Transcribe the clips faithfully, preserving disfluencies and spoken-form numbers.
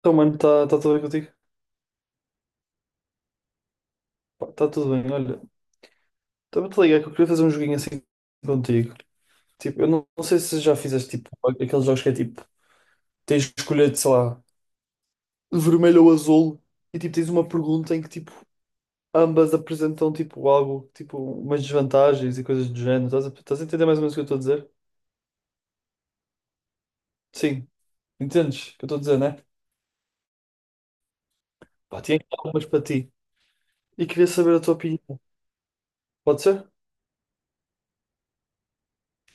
Então, mano, está tá tá tudo bem contigo? Está tudo bem, olha. Estava-te ligar que eu queria fazer um joguinho assim contigo. Tipo, eu não, não sei se já fizeste tipo aqueles jogos que é tipo, tens de escolher, sei lá, vermelho ou azul, e tipo, tens uma pergunta em que tipo, ambas apresentam tipo algo, tipo, umas desvantagens e coisas do género. Estás a, estás a entender mais ou menos o que eu estou a dizer? Sim, entendes o que eu estou a dizer, né? Pá, tinha algumas para ti. E queria saber a tua opinião. Pode ser?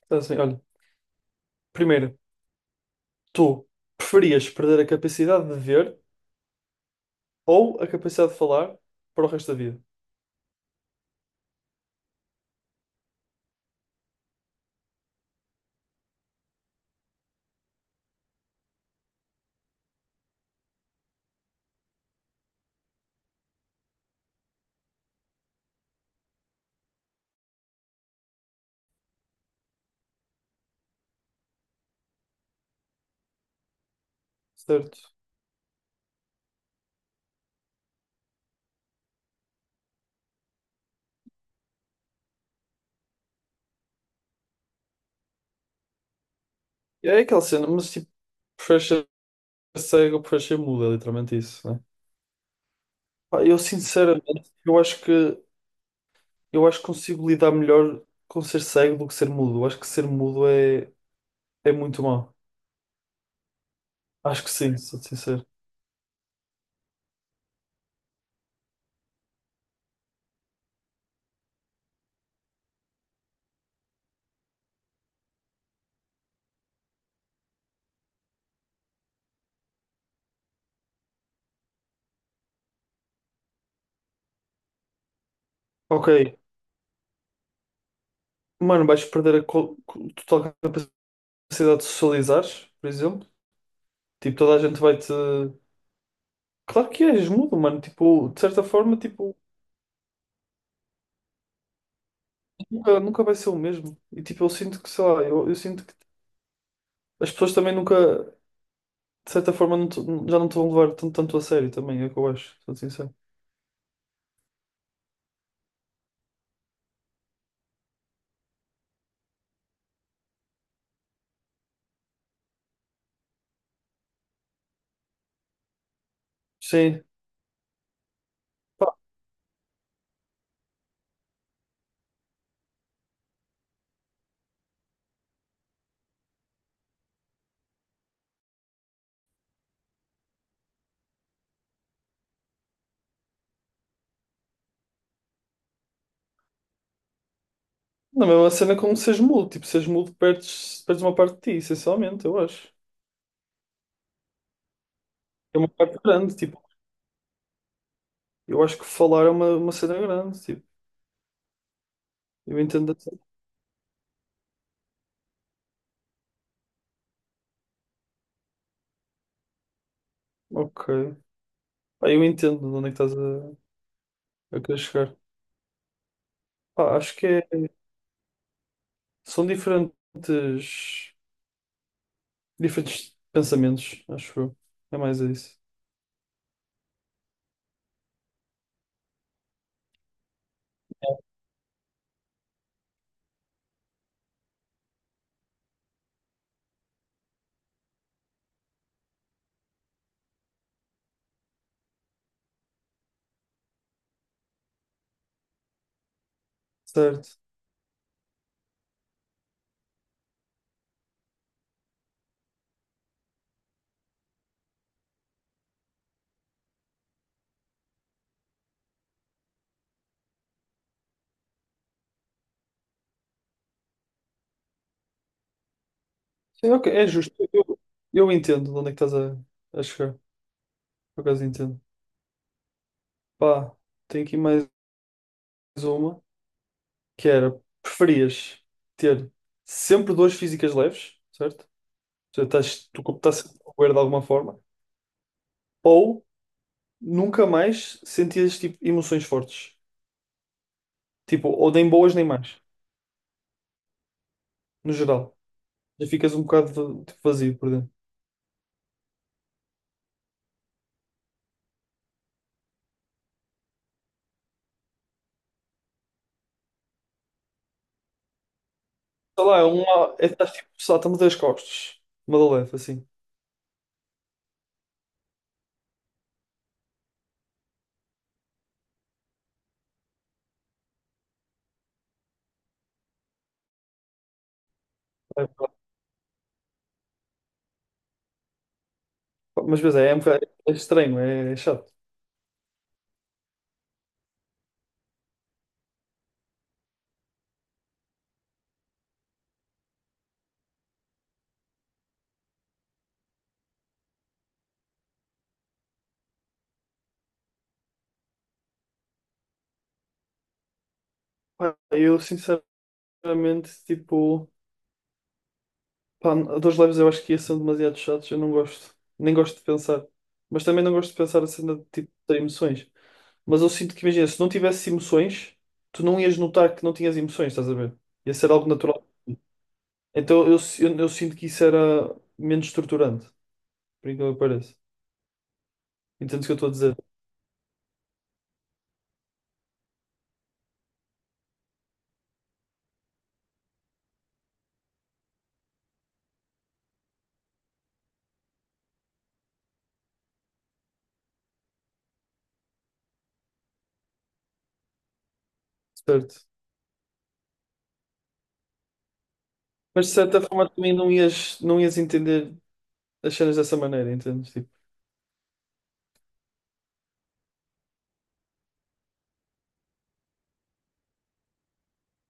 Então, assim, olha, primeiro, tu preferias perder a capacidade de ver ou a capacidade de falar para o resto da vida, certo? E é aquela cena, mas tipo, preferes ser cego ou preferes ser mudo, é literalmente isso, né? Pá, eu sinceramente, eu acho que eu acho que consigo lidar melhor com ser cego do que ser mudo. Eu acho que ser mudo é, é muito mau. Acho que sim, sou sincero. Ok, mano, vais perder a co- co- total capacidade de socializar, por exemplo. Tipo, toda a gente vai te. Claro que és mudo, mano. Tipo, de certa forma, tipo. Nunca, nunca vai ser o mesmo. E tipo, eu sinto que, sei lá, eu, eu sinto que as pessoas também nunca, de certa forma, não te- já não te vão levar tanto, tanto a sério também, é o que eu acho, sou sincero. Sim. Na mesma cena como seres mudo, tipo, seres mudo perdes, perdes uma parte de ti, essencialmente, eu acho. É uma parte grande, tipo, eu acho que falar é uma, uma cena grande, tipo, eu entendo. essa- Ok. Ah, eu entendo de onde é que estás a, a querer chegar. Pá, acho que é- são diferentes. Diferentes pensamentos, acho eu. É mais isso. Certo. Sim, ok, é justo. Eu, eu entendo de onde é que estás a, a chegar. Por acaso entendo. Pá, tenho aqui mais uma, que era, preferias ter sempre dores físicas leves, certo? Ou seja, estás, tu estás sempre a doer de alguma forma, ou nunca mais sentias tipo, emoções fortes. Tipo, ou nem boas nem más, no geral. Já ficas um bocado tipo, vazio por dentro. Sei lá, é uma. É, estás tipo, salta-me das costas. Uma de leve, assim. É, mas, mas é, é, um bocado- é estranho, é, é chato. Pá, eu, sinceramente, tipo, pá, dois leves eu acho que ia ser demasiado chatos, eu não gosto. Nem gosto de pensar. Mas também não gosto de pensar a cena de tipo, ter emoções. Mas eu sinto que, imagina, se não tivesse emoções, tu não ias notar que não tinhas emoções, estás a ver? Ia ser algo natural. Então eu, si- eu, eu sinto que isso era menos estruturante, por incrível que pareça. Entendes o que eu estou a dizer? Certo. Mas de certa forma também não ias, não ias entender as cenas dessa maneira, entendes? Tipo,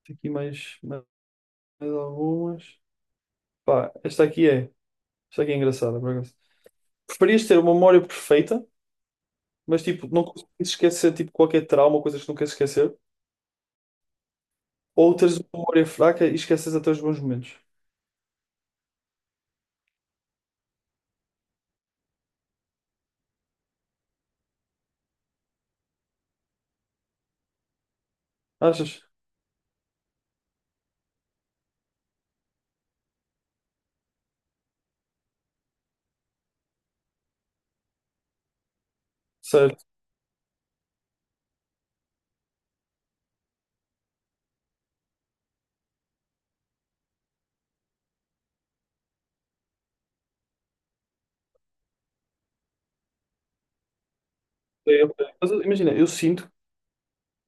tem aqui mais, mais algumas. Pá, esta aqui é. Esta aqui é engraçada, por acaso. Preferias ter uma memória perfeita, mas tipo, não consegues esquecer tipo, qualquer trauma ou coisas que não queres esquecer, ou teres uma memória fraca e esqueces até os bons momentos. Achas? Certo. É, ok. Mas eu- imagina, eu sinto,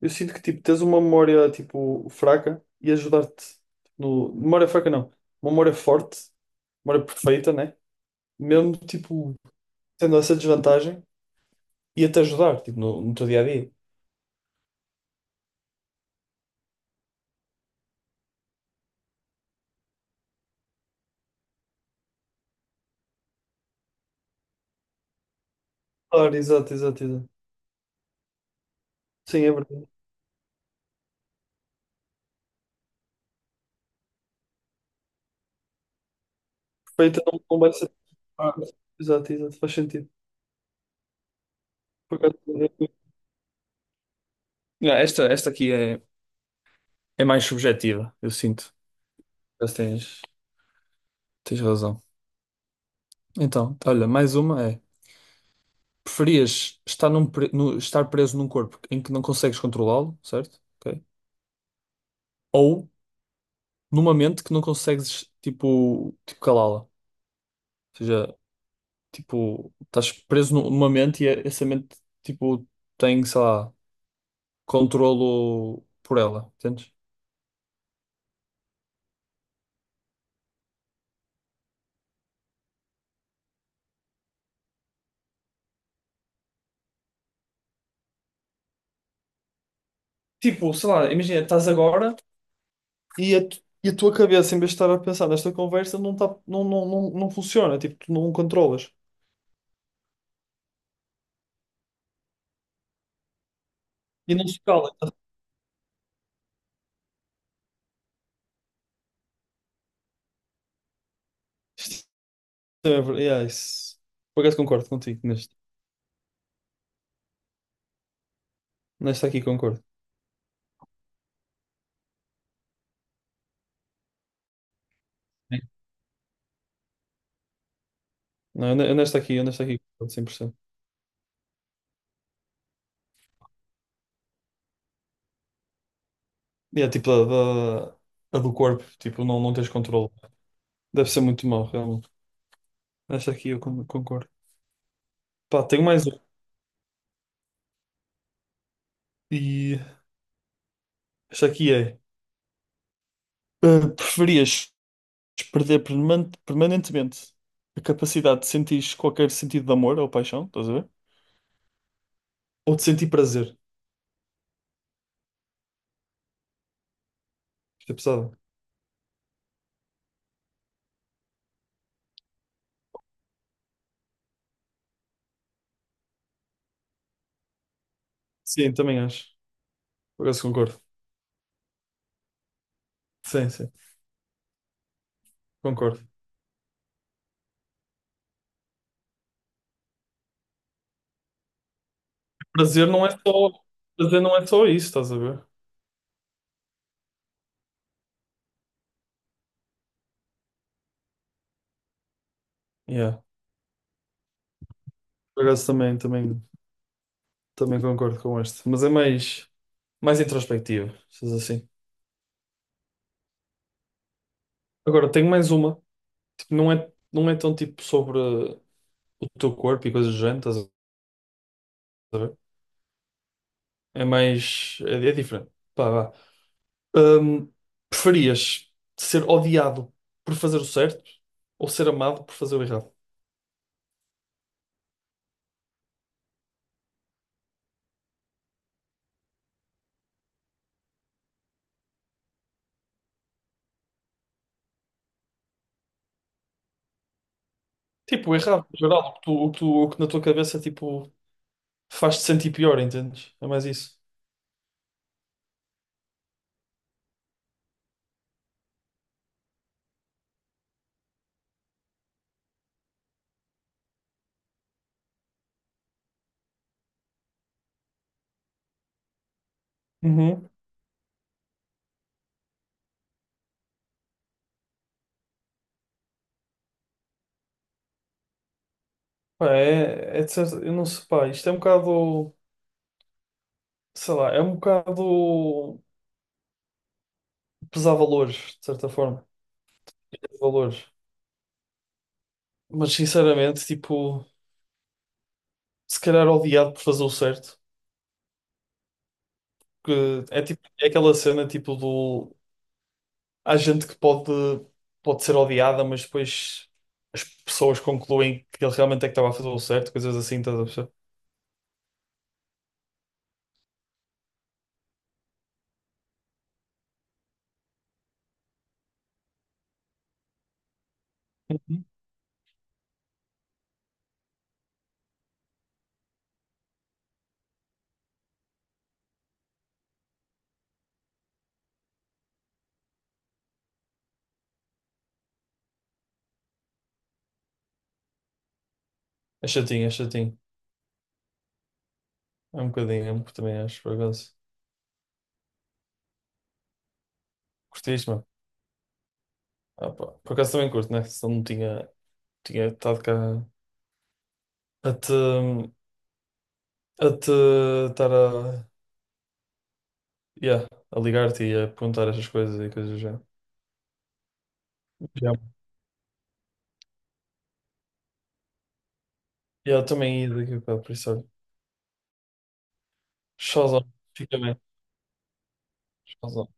eu sinto que tipo, tens uma memória tipo, fraca e ajudar-te no. Memória fraca não. Uma memória forte, memória perfeita, né? Mesmo tipo. Tendo essa desvantagem, ia-te ajudar, tipo, no, no teu dia a dia. Claro, exato, exato, exato. Sim, é verdade. Perfeito, não, não vai ser. Ah, Exato, exato, faz sentido. Por acaso, eu- Não, esta, esta aqui é, é mais subjetiva, eu sinto. Mas tens, tens razão. Então, olha, mais uma é: preferias estar, num pre- no- estar preso num corpo em que não consegues controlá-lo, certo? Ok. Ou numa mente que não consegues, tipo, tipo calá-la. Ou seja, tipo, estás preso nu- numa mente e é- essa mente, tipo, tem, sei lá, controlo por ela, entendes? Tipo, sei lá, imagina, estás agora e a, tu- e a tua cabeça, em vez de estar a pensar nesta conversa, não, tá, não, não, não, não funciona, tipo, tu não controlas. E não se cala. Isto é ver- yeah, isso- Por acaso concordo contigo, neste, nesta aqui concordo. Sim. Não, eu ne- eu nesta aqui, eu nesta aqui concordo cem por cento. E é tipo a, da- a do corpo, tipo, não, não tens controle. Deve ser muito mau, realmente. Esta aqui eu con- concordo. Pá, tenho mais uma. E esta aqui é: eh, preferias perder perman- permanentemente a capacidade de sentir qualquer sentido de amor ou paixão, estás a ver? Ou de sentir prazer? Isto é pesado. Sim, também acho. Por acaso concordo. Sim, sim, concordo. Prazer não é só, prazer não é só isso, estás a ver? Yeah. Por acaso também, também, também concordo com este. Mas é mais. Mais introspectiva, se diz assim. Agora, tenho mais uma. Tipo, não é, não é tão tipo sobre o teu corpo e coisas do género, estás a ver? É mais. É, é diferente. Pá, vá. Hum, preferias ser odiado por fazer o certo ou ser amado por fazer o errado? Tipo, o errado, no geral, o que, tu, o que tu- o que na tua cabeça tipo, faz-te sentir pior, entendes? É mais isso. Uhum. Pá, é, é de certa- eu não sei, pá, isto é um bocado, sei lá, é um bocado pesar valores, de certa forma. Pesar valores. Mas sinceramente, tipo, se calhar odiado por fazer o certo, que é tipo, é aquela cena tipo do há gente que pode pode ser odiada, mas depois as pessoas concluem que ele realmente é que estava a fazer o certo, coisas assim, estás a perceber? Uhum. É chatinho, é chatinho. É um bocadinho, é um, também acho, por acaso. Curtiste, mano? Ah, pá, por acaso também curto, né? Senão não tinha. Tinha estado cá a te a te estar a, yeah, a ligar-te e a perguntar estas coisas e coisas já. Já. Yeah, também ia daqui a bocado, por isso olha. Showzão. Fica bem. Showzão.